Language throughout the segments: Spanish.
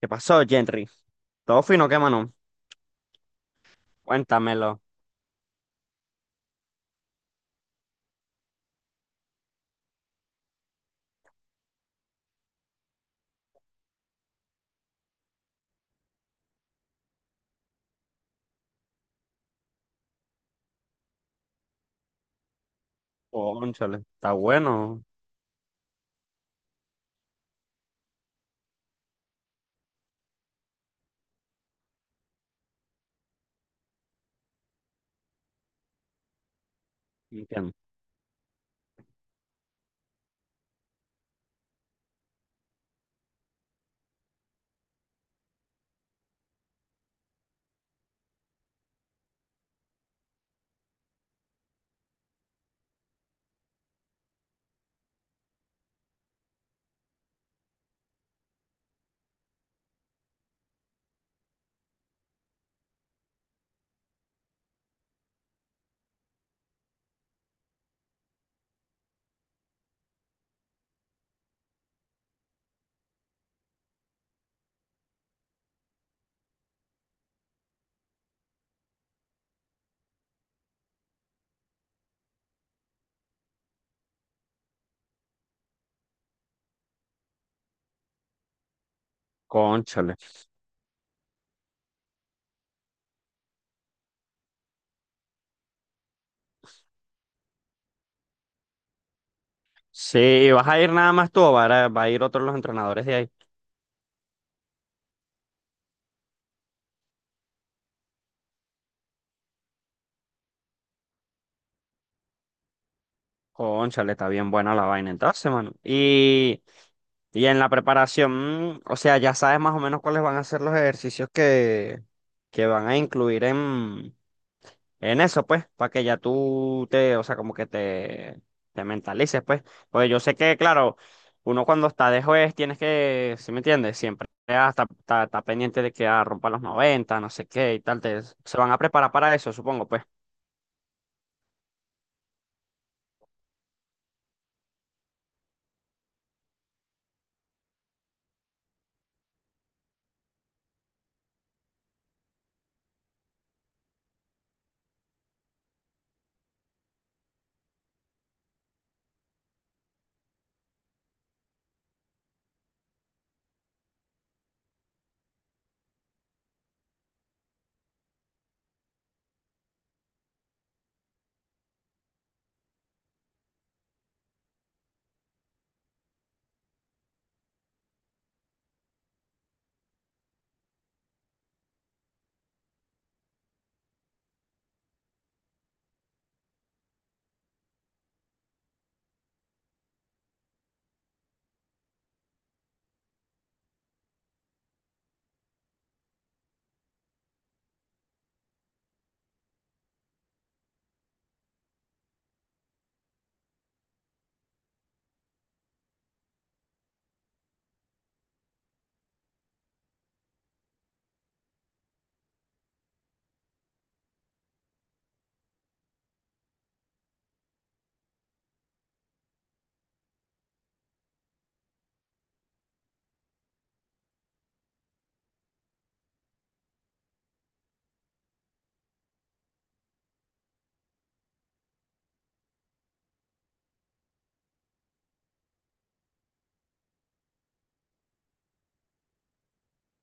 ¿Qué pasó, Henry? Todo fino, ¿qué, mano? Cuéntamelo. Cónchale, está bueno. Entiendo. Cónchale. Sí, ¿vas a ir nada más tú o va a ir otros los entrenadores de ahí? Cónchale, está bien buena la vaina entonces, mano. Y en la preparación, o sea, ya sabes más o menos cuáles van a ser los ejercicios que van a incluir en eso, pues, para que ya o sea, como te mentalices, pues. Pues yo sé que, claro, uno cuando está de juez tienes que, ¿sí me entiendes? Siempre está, está pendiente de que rompan los 90 no sé qué y tal. Se van a preparar para eso, supongo, pues.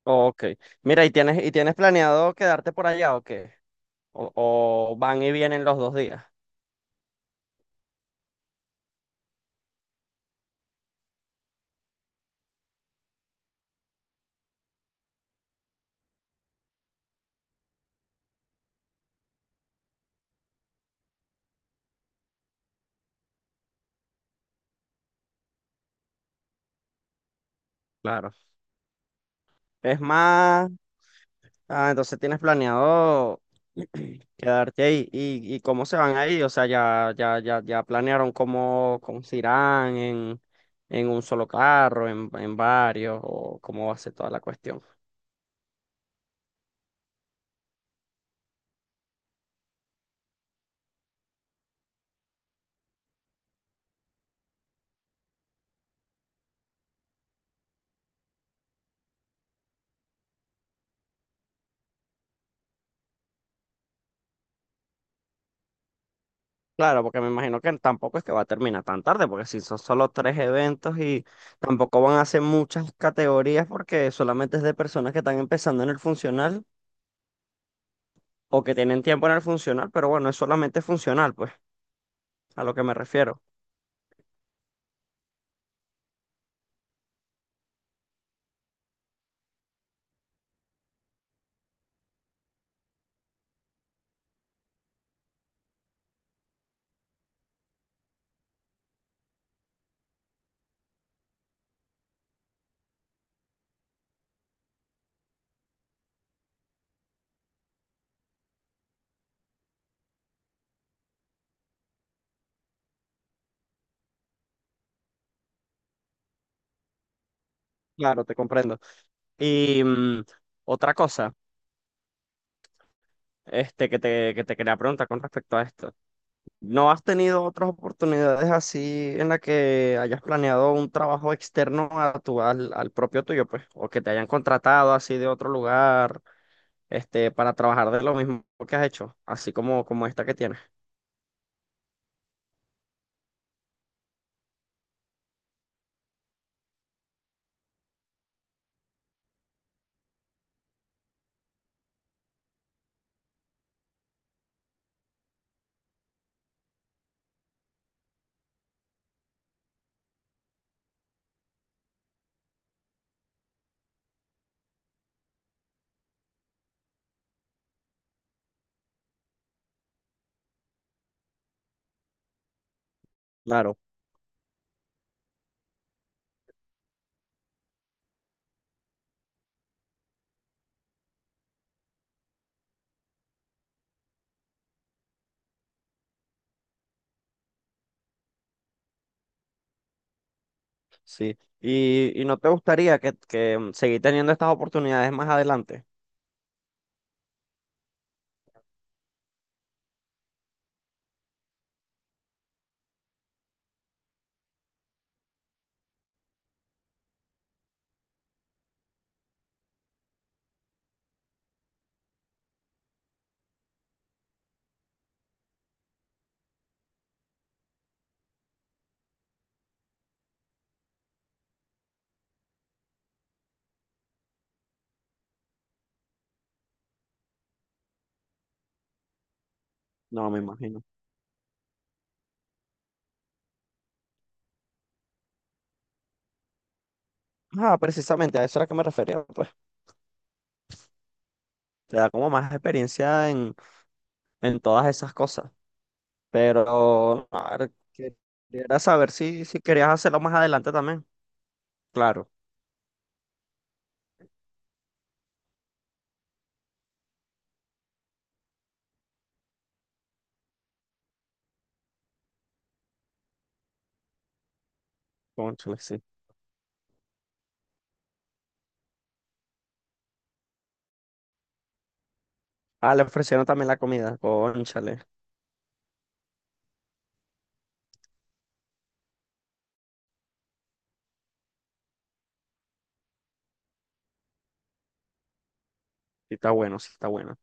Ok. Mira, y tienes planeado quedarte por allá o qué? O van y vienen los dos días. Claro. Es más. Ah, entonces tienes planeado quedarte ahí. Y cómo se van ahí? O sea, ya planearon cómo, cómo se irán en un solo carro, en varios, o cómo va a ser toda la cuestión. Claro, porque me imagino que tampoco es que va a terminar tan tarde, porque si son solo tres eventos y tampoco van a hacer muchas categorías, porque solamente es de personas que están empezando en el funcional o que tienen tiempo en el funcional, pero bueno, es solamente funcional, pues, a lo que me refiero. Claro, te comprendo. Y otra cosa, este, que te quería preguntar con respecto a esto. ¿No has tenido otras oportunidades así en la que hayas planeado un trabajo externo a tu, al propio tuyo, pues? O que te hayan contratado así de otro lugar, este, para trabajar de lo mismo que has hecho, así como, como esta que tienes. Claro, sí. Y no te gustaría que seguir teniendo estas oportunidades más adelante? No, me imagino. Ah, precisamente, a eso era que me refería, pues. Te da como más experiencia en todas esas cosas. Pero, a ver, quería saber si, si querías hacerlo más adelante también. Claro, cónchale, sí. Ah, le ofrecieron también la comida, cónchale. Sí, está bueno, sí, está bueno.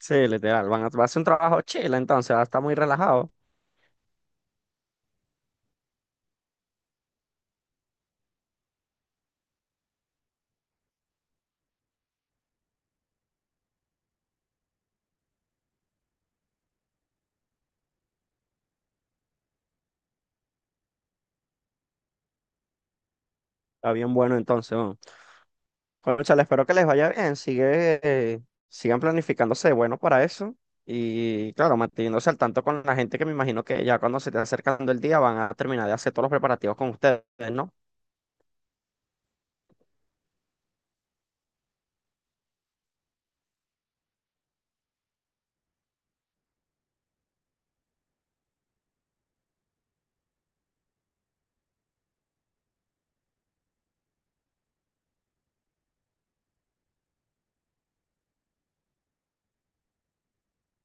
Sí, literal, van a, va a hacer un trabajo chile entonces, va a estar muy relajado. Está bien bueno entonces, ¿no? Cónchale, espero que les vaya bien. Sigue, sigan planificándose de bueno para eso. Y claro, manteniéndose al tanto con la gente que me imagino que ya cuando se esté acercando el día van a terminar de hacer todos los preparativos con ustedes, ¿no?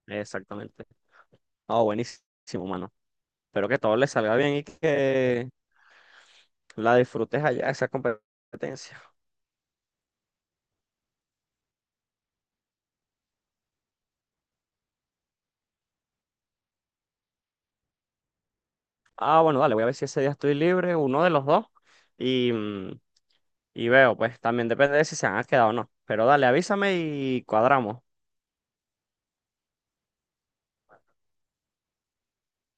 Exactamente. Oh, buenísimo, mano. Espero que todo les salga bien y que la disfrutes allá, esa competencia. Ah, bueno, dale, voy a ver si ese día estoy libre, uno de los dos. Y, y veo, pues también depende de si se han quedado o no. Pero dale, avísame y cuadramos.